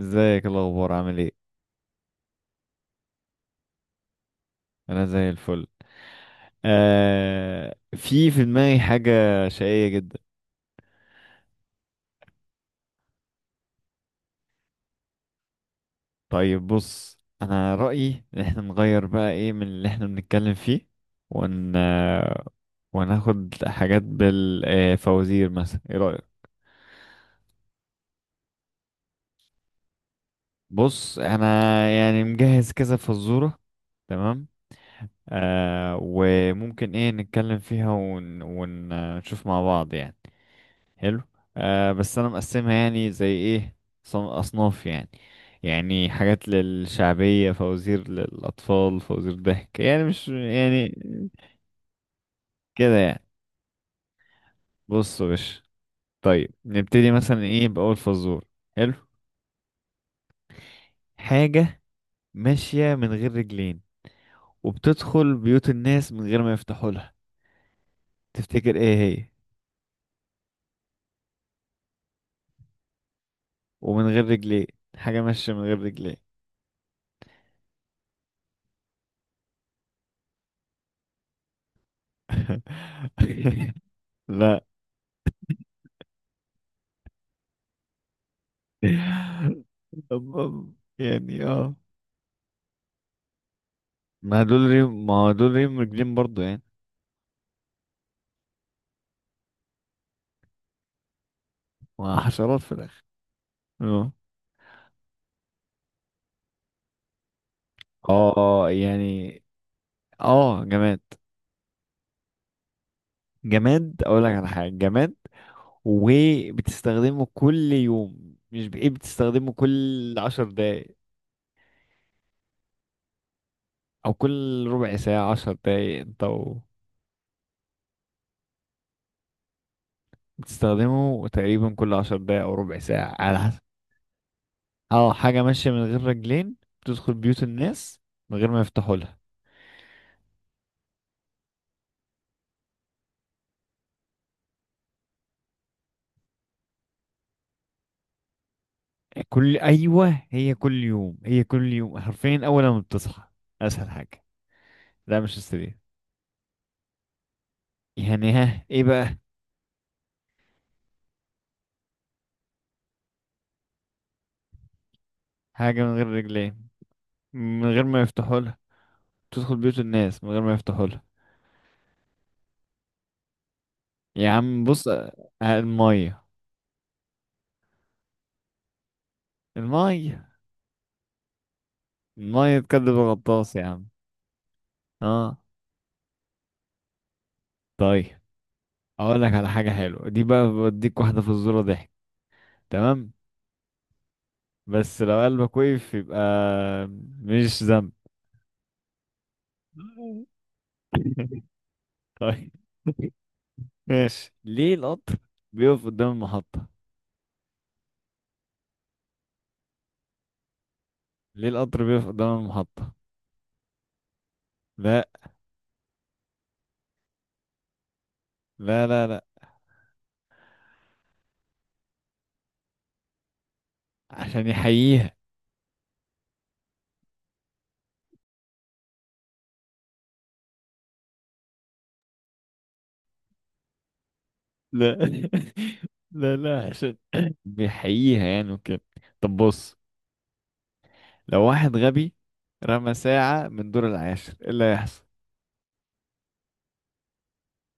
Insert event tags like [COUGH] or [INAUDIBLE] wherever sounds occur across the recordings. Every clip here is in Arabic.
ازيك؟ إيه الاخبار؟ عامل ايه؟ انا زي الفل. آه، في دماغي حاجه شقيه جدا. طيب بص، انا رايي ان احنا نغير بقى ايه من اللي احنا بنتكلم فيه. ون وناخد حاجات بالفوازير، مثلا ايه رايك؟ بص انا يعني مجهز كذا فزوره، تمام. آه وممكن ايه نتكلم فيها ونشوف مع بعض يعني. حلو. آه بس انا مقسمها يعني زي ايه، اصناف يعني. يعني حاجات للشعبية، فوازير للأطفال، فوازير ضحك، يعني مش يعني كده يعني. بص يا باشا، طيب نبتدي مثلا ايه بأول فزور. حلو. حاجة ماشية من غير رجلين وبتدخل بيوت الناس من غير ما يفتحوا لها، تفتكر ايه هي؟ ومن غير رجلين، حاجة ماشية من غير رجلين. [LAUGHS] لا. [LAUGHS] يعني اه. ما دول ريم مرجلين برضو يعني. ما حشرات في الاخر. اه. اه آه، يعني اه جماد. جماد، اقول لك على حاجه جماد، وبتستخدمه كل يوم، مش بايه بتستخدمه كل 10 دقايق. او كل ربع ساعه، 10 دقايق، انت بتستخدمه تقريبا كل 10 دقايق او ربع ساعه على حسب. اه حاجه ماشيه من غير رجلين، بتدخل بيوت الناس من غير ما يفتحوا لها. كل ايوه، هي كل يوم حرفيا اول ما بتصحى، اسهل حاجه. لا مش السرير. يعني ها ايه بقى. حاجه من غير رجلين، من غير ما يفتحوا لها، تدخل بيوت الناس من غير ما يفتحوا لها. يا عم بص، آه، الميه. الميه. الميه تكذب الغطاس يا عم. اه. طيب، اقول لك على حاجه حلوه دي بقى، بديك واحده في الزوره ضحك، تمام. بس لو قلبك وقف، يبقى مش ذنب. [LAUGHS] طيب. ماشي ليه القطر بيقف قدام المحطة؟ ليه القطر بيقف قدام المحطة؟ لا لا لا. لا عشان يحييها. لا [LAUGHS] لا لا، عشان بيحييها يعني وكده. طب بص، لو واحد غبي رمى ساعة من دور العاشر، ايه اللي هيحصل؟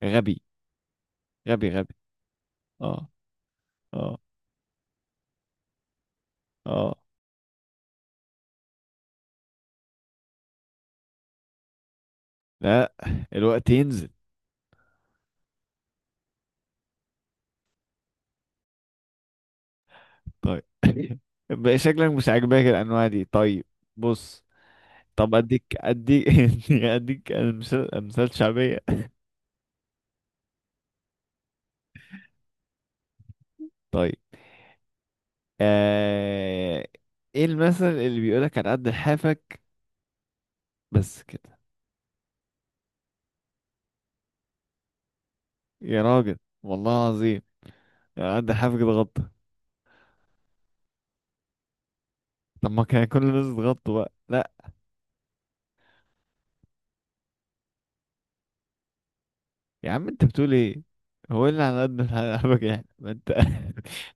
غبي غبي غبي. اه اه اه. لا، الوقت ينزل. طيب [LAUGHS] بقى شكلك مش عاجباك الانواع دي، طيب. بص، طب اديك اديك [LAUGHS] اديك مثال، مثال شعبية. طيب. آه... ايه المثل اللي بيقولك على قد لحافك؟ بس كده. يا راجل، والله العظيم، على قد لحافك ده غطا. طب ما كان كل الناس تغطوا بقى، لا. يا عم انت بتقول ايه؟ هو إيه اللي على قد [LAUGHS] لحافك يعني، ما انت [LAUGHS]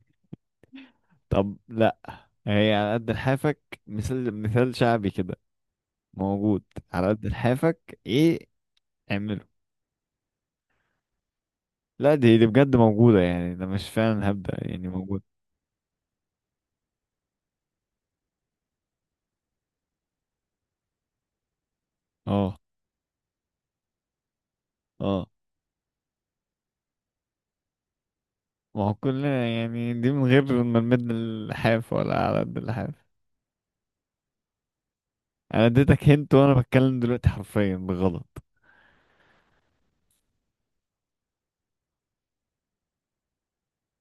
طب لا، هي على قد لحافك مثال، مثال شعبي كده، موجود. على قد لحافك ايه اعمله. لا دي بجد موجودة، يعني ده مش فعلا هبدأ يعني موجود. اه اه. ما هو كلنا يعني دي من غير ما نمد اللحاف، ولا على قد اللحاف. انا اديتك هنت وانا بتكلم دلوقتي حرفيا بغلط.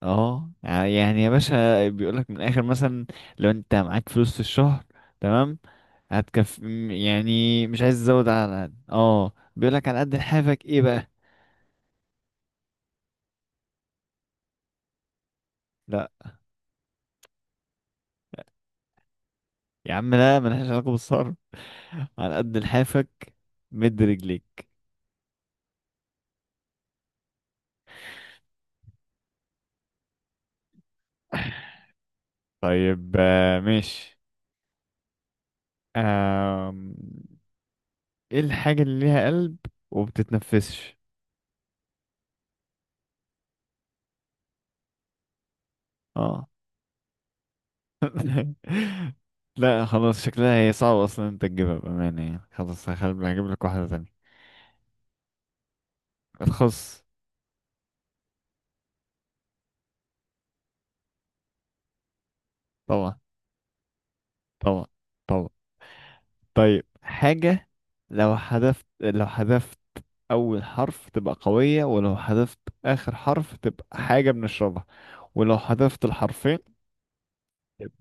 اه يعني يا باشا، بيقولك من الاخر مثلا، لو انت معاك فلوس في الشهر، تمام، يعني مش عايز تزود، على قد اه بيقولك على قد لحافك، ايه بقى. لا يا عم لا، ملهاش علاقة بالصرف، على قد لحافك مد رجليك. طيب، آه، ماشي. آه، ايه الحاجة اللي ليها قلب وبتتنفسش؟ اه. [LAUGHS] لا خلاص شكلها هي صعبة اصلا انت تجيبها بأمانة، يعني خلاص هجيب لك واحدة تانية. الخص. طبعا طبعا طبعا. طيب حاجة، لو حذفت أول حرف تبقى قوية، ولو حذفت آخر حرف تبقى حاجة بنشربها، ولو حذفت الحرفين تبقى.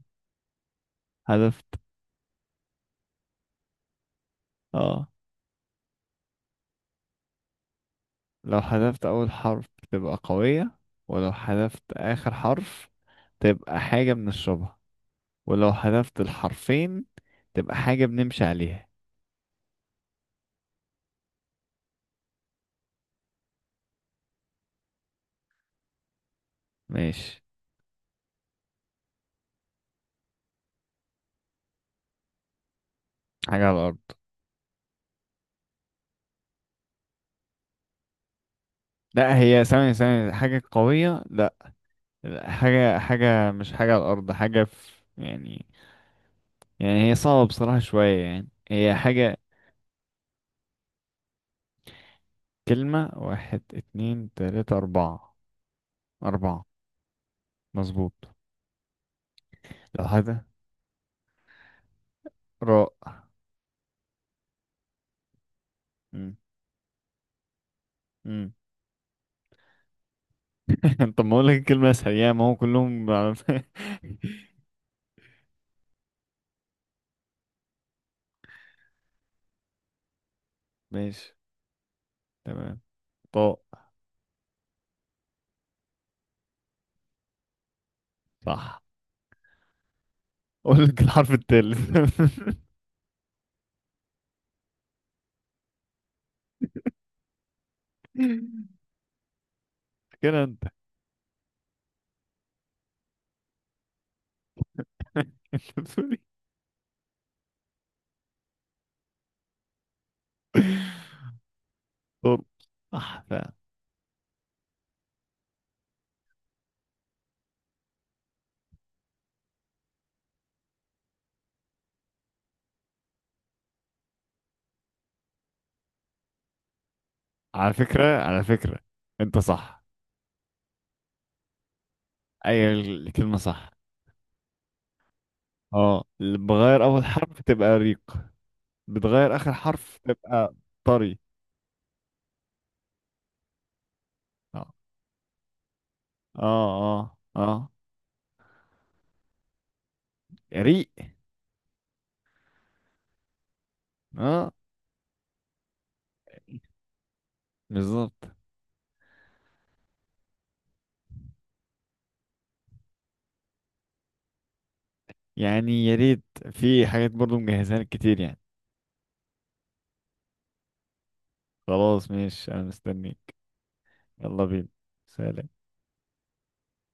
حذفت، اه. لو حذفت أول حرف تبقى قوية، ولو حذفت آخر حرف تبقى حاجة بنشربها، ولو حذفت الحرفين تبقى حاجة بنمشي عليها. ماشي. حاجة على الأرض. لا هي ثانية ثانية، حاجة قوية، لا. لا، حاجة مش حاجة على الأرض، حاجة في، يعني، يعني هي صعبة بصراحة شوية، يعني هي حاجة. كلمة، واحد اتنين تلاتة أربعة، أربعة. مظبوط. لو حاجة، راء. مم. مم. [LAUGHS] طب ما أقولك الكلمة أسهل، يعني ما هو [LAUGHS] ماشي. تمام. طاء. صح. اقول لك الحرف التالت. [LAUGHS] كده انت بتقول ايه؟ طب. صح فعلا. على فكرة، على فكرة انت صح. اي الكلمة صح. اه اللي بغير اول حرف تبقى ريق، بتغير اخر حرف تبقى طري. اه اه اه. اه ريق. اه بالظبط. يعني يا ريت، في حاجات برضو مجهزها لك كتير يعني. خلاص ماشي انا مستنيك. يلا بينا. سلام.